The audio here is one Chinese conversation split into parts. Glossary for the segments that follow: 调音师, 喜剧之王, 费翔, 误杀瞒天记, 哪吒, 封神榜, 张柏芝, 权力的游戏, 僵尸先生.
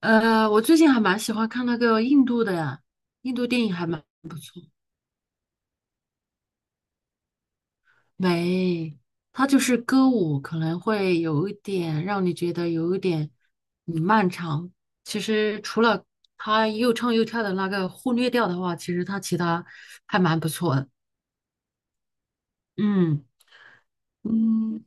我最近还蛮喜欢看那个印度的呀，印度电影还蛮不错。没，它就是歌舞，可能会有一点让你觉得有一点漫长。其实除了他又唱又跳的那个忽略掉的话，其实他其他还蛮不错的。嗯嗯，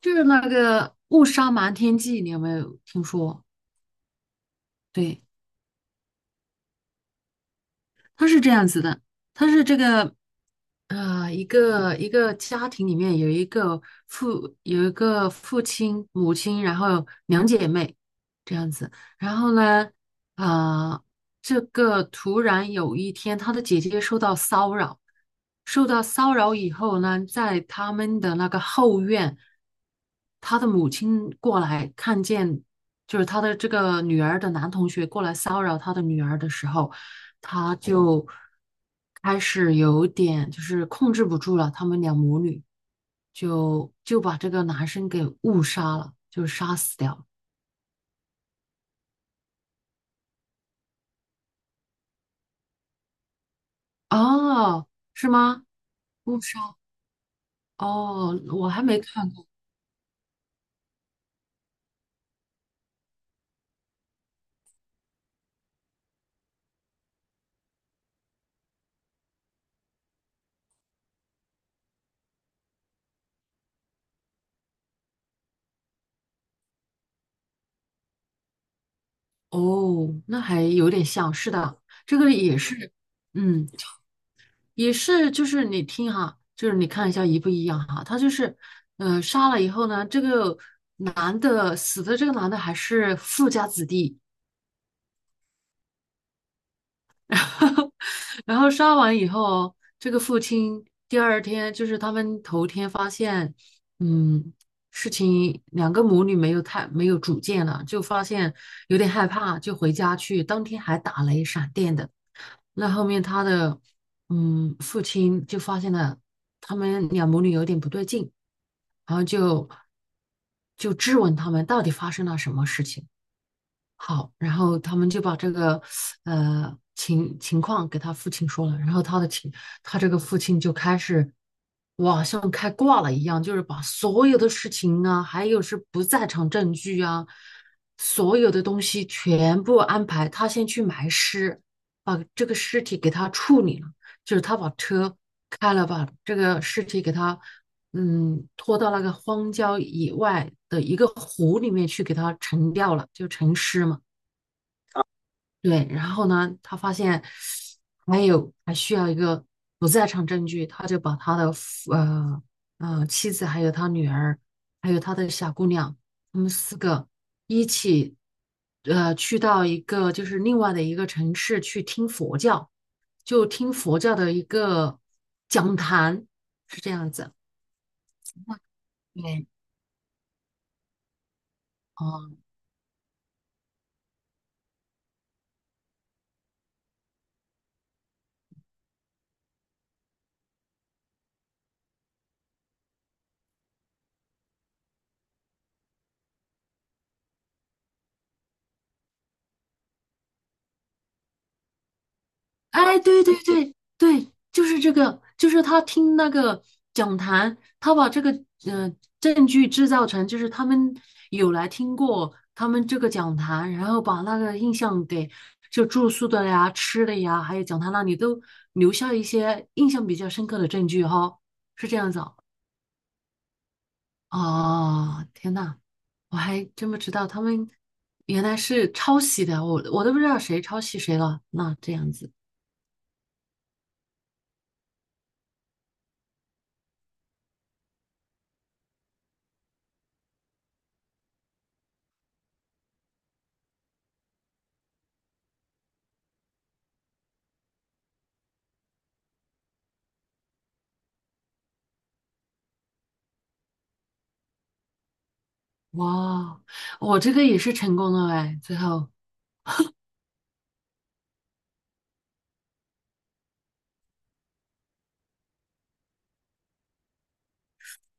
就是那个《误杀瞒天记》，你有没有听说？对，它是这样子的，它是这个。一个家庭里面有一个父亲、母亲，然后两姐妹这样子。然后呢，啊，这个突然有一天，她的姐姐受到骚扰，受到骚扰以后呢，在他们的那个后院，她的母亲过来看见，就是她的这个女儿的男同学过来骚扰她的女儿的时候。他就开始有点就是控制不住了，他们俩母女就把这个男生给误杀了，就杀死掉了。哦，是吗？误杀？哦，我还没看过。哦，那还有点像，是的，这个也是，嗯，也是，就是你听哈，就是你看一下一不一样哈，他就是，杀了以后呢，这个男的死的这个男的还是富家子弟。然后杀完以后，这个父亲第二天就是他们头天发现，嗯，事情两个母女没有太没有主见了，就发现有点害怕，就回家去。当天还打雷闪电的。那后面他的父亲就发现了他们两母女有点不对劲，然后就质问他们到底发生了什么事情。好，然后他们就把这个情况给他父亲说了，然后他这个父亲就开始，哇，像开挂了一样，就是把所有的事情啊，还有是不在场证据啊，所有的东西全部安排，他先去埋尸，把这个尸体给他处理了，就是他把车开了，把这个尸体给他。拖到那个荒郊野外的一个湖里面去，给它沉掉了，就沉尸嘛。对，然后呢，他发现还需要一个不在场证据，他就把他的妻子，还有他女儿，还有他的小姑娘，他们四个一起去到一个就是另外的一个城市去听佛教，就听佛教的一个讲坛，是这样子。对。哦，哎，对对对对，就是这个，就是他听那个讲坛，他把这个呃证据制造成，就是他们有来听过他们这个讲坛，然后把那个印象给就住宿的呀、吃的呀，还有讲坛那里都留下一些印象比较深刻的证据哈、是这样子哦。哦，天呐，我还真不知道他们原来是抄袭的，我都不知道谁抄袭谁了。那这样子。哇，我这个也是成功了哎，最后，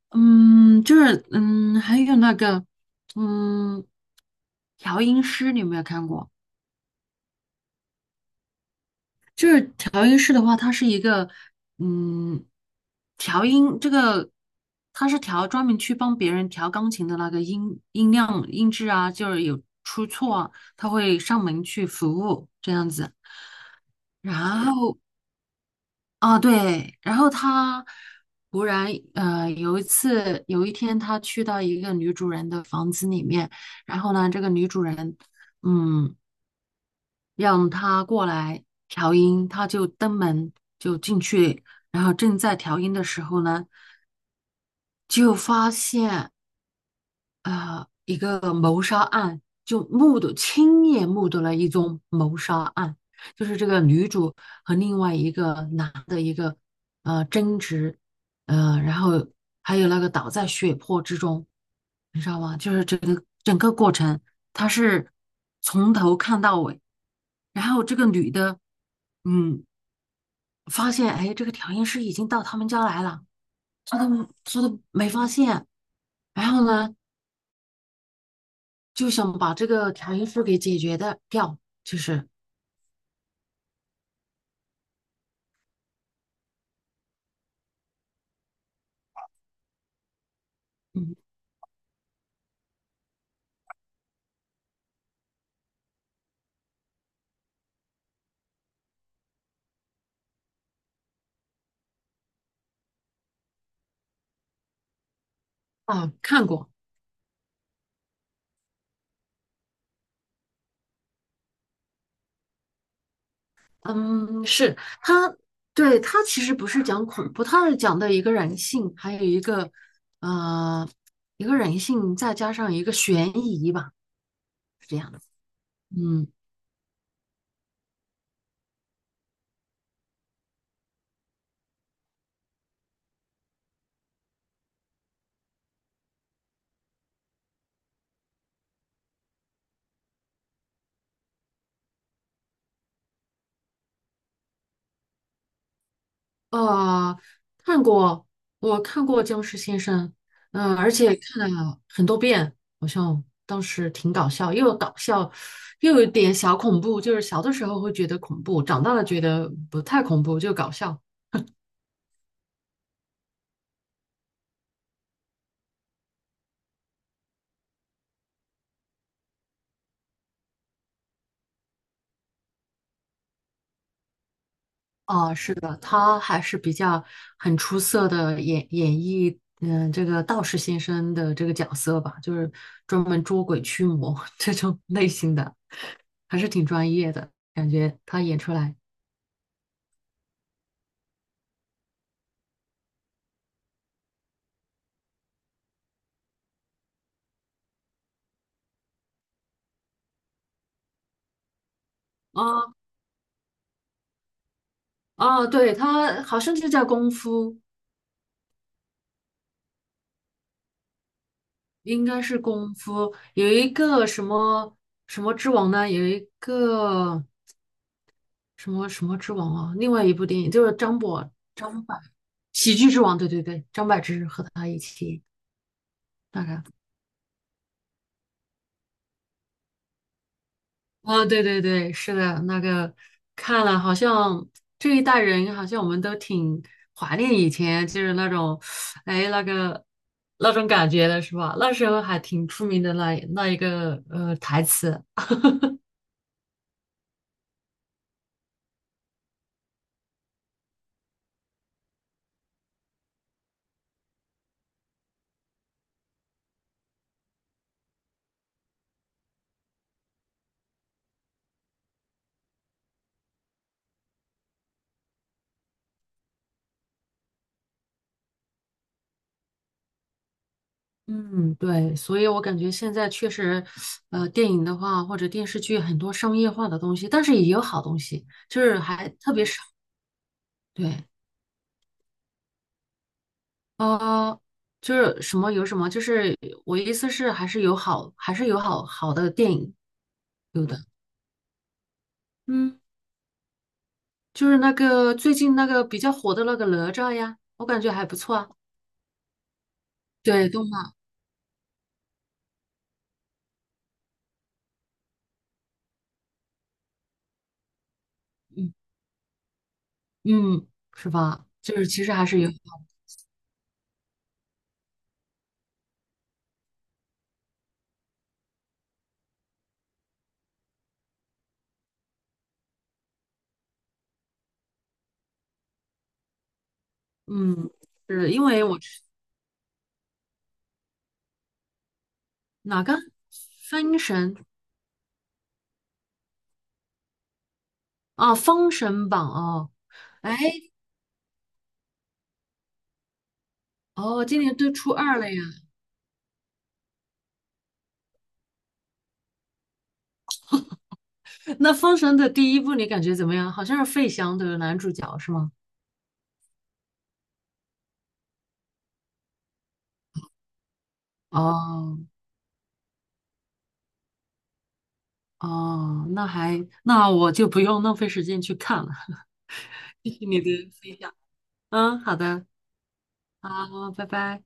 嗯，就是还有那个，嗯，调音师你有没有看过？就是调音师的话，它是一个，嗯，调音这个，它是专门去帮别人调钢琴的那个音量、音质啊，就是有出错啊，他会上门去服务这样子。然后啊，对，然后他忽然有一天，他去到一个女主人的房子里面，然后呢，这个女主人嗯让他过来调音，他就登门就进去，然后正在调音的时候呢，就发现。一个谋杀案，就亲眼目睹了一宗谋杀案，就是这个女主和另外一个男的一个争执，然后还有那个倒在血泊之中，你知道吗？就是整个整个过程，他是从头看到尾，然后这个女的，嗯，发现哎，这个调音师已经到他们家来了，她都没发现。然后呢，就想把这个调音师给解决的掉，就是嗯看过，嗯，是他，对他其实不是讲恐怖，他是讲的一个人性，还有呃一个人性，再加上一个悬疑吧，是这样的，嗯。啊，看过，我看过《僵尸先生》，嗯、而且看了很多遍，好像当时挺搞笑，又搞笑，又有点小恐怖，就是小的时候会觉得恐怖，长大了觉得不太恐怖，就搞笑。啊，是的，他还是比较很出色的演绎，嗯、这个道士先生的这个角色吧，就是专门捉鬼驱魔 这种类型的，还是挺专业的，感觉他演出来。啊。哦，对，他好像就叫功夫，应该是功夫。有一个什么什么之王呢？有一个什么什么之王啊？另外一部电影就是张柏喜剧之王，对对对，张柏芝和他一起那个。啊、对对对，是的，那个看了，好像这一代人好像我们都挺怀念以前，就是那种，哎，那个那种感觉的是吧？那时候还挺出名的那一个台词。嗯，对，所以我感觉现在确实，电影的话或者电视剧很多商业化的东西，但是也有好东西，就是还特别少。对，呃，就是什么有什么，就是我意思是还是有好好的电影有的。嗯，就是那个最近那个比较火的那个哪吒呀，我感觉还不错啊。对，动漫，嗯嗯，是吧？就是其实还是有，嗯，是因为我哪个分神。啊，哦《封神榜》哦，哎，哦，今年都初二了呀。那《封神》的第一部你感觉怎么样？好像是费翔的男主角是吗？哦哦，那我就不用浪费时间去看了。谢谢你的分享。嗯，好的，好，拜拜。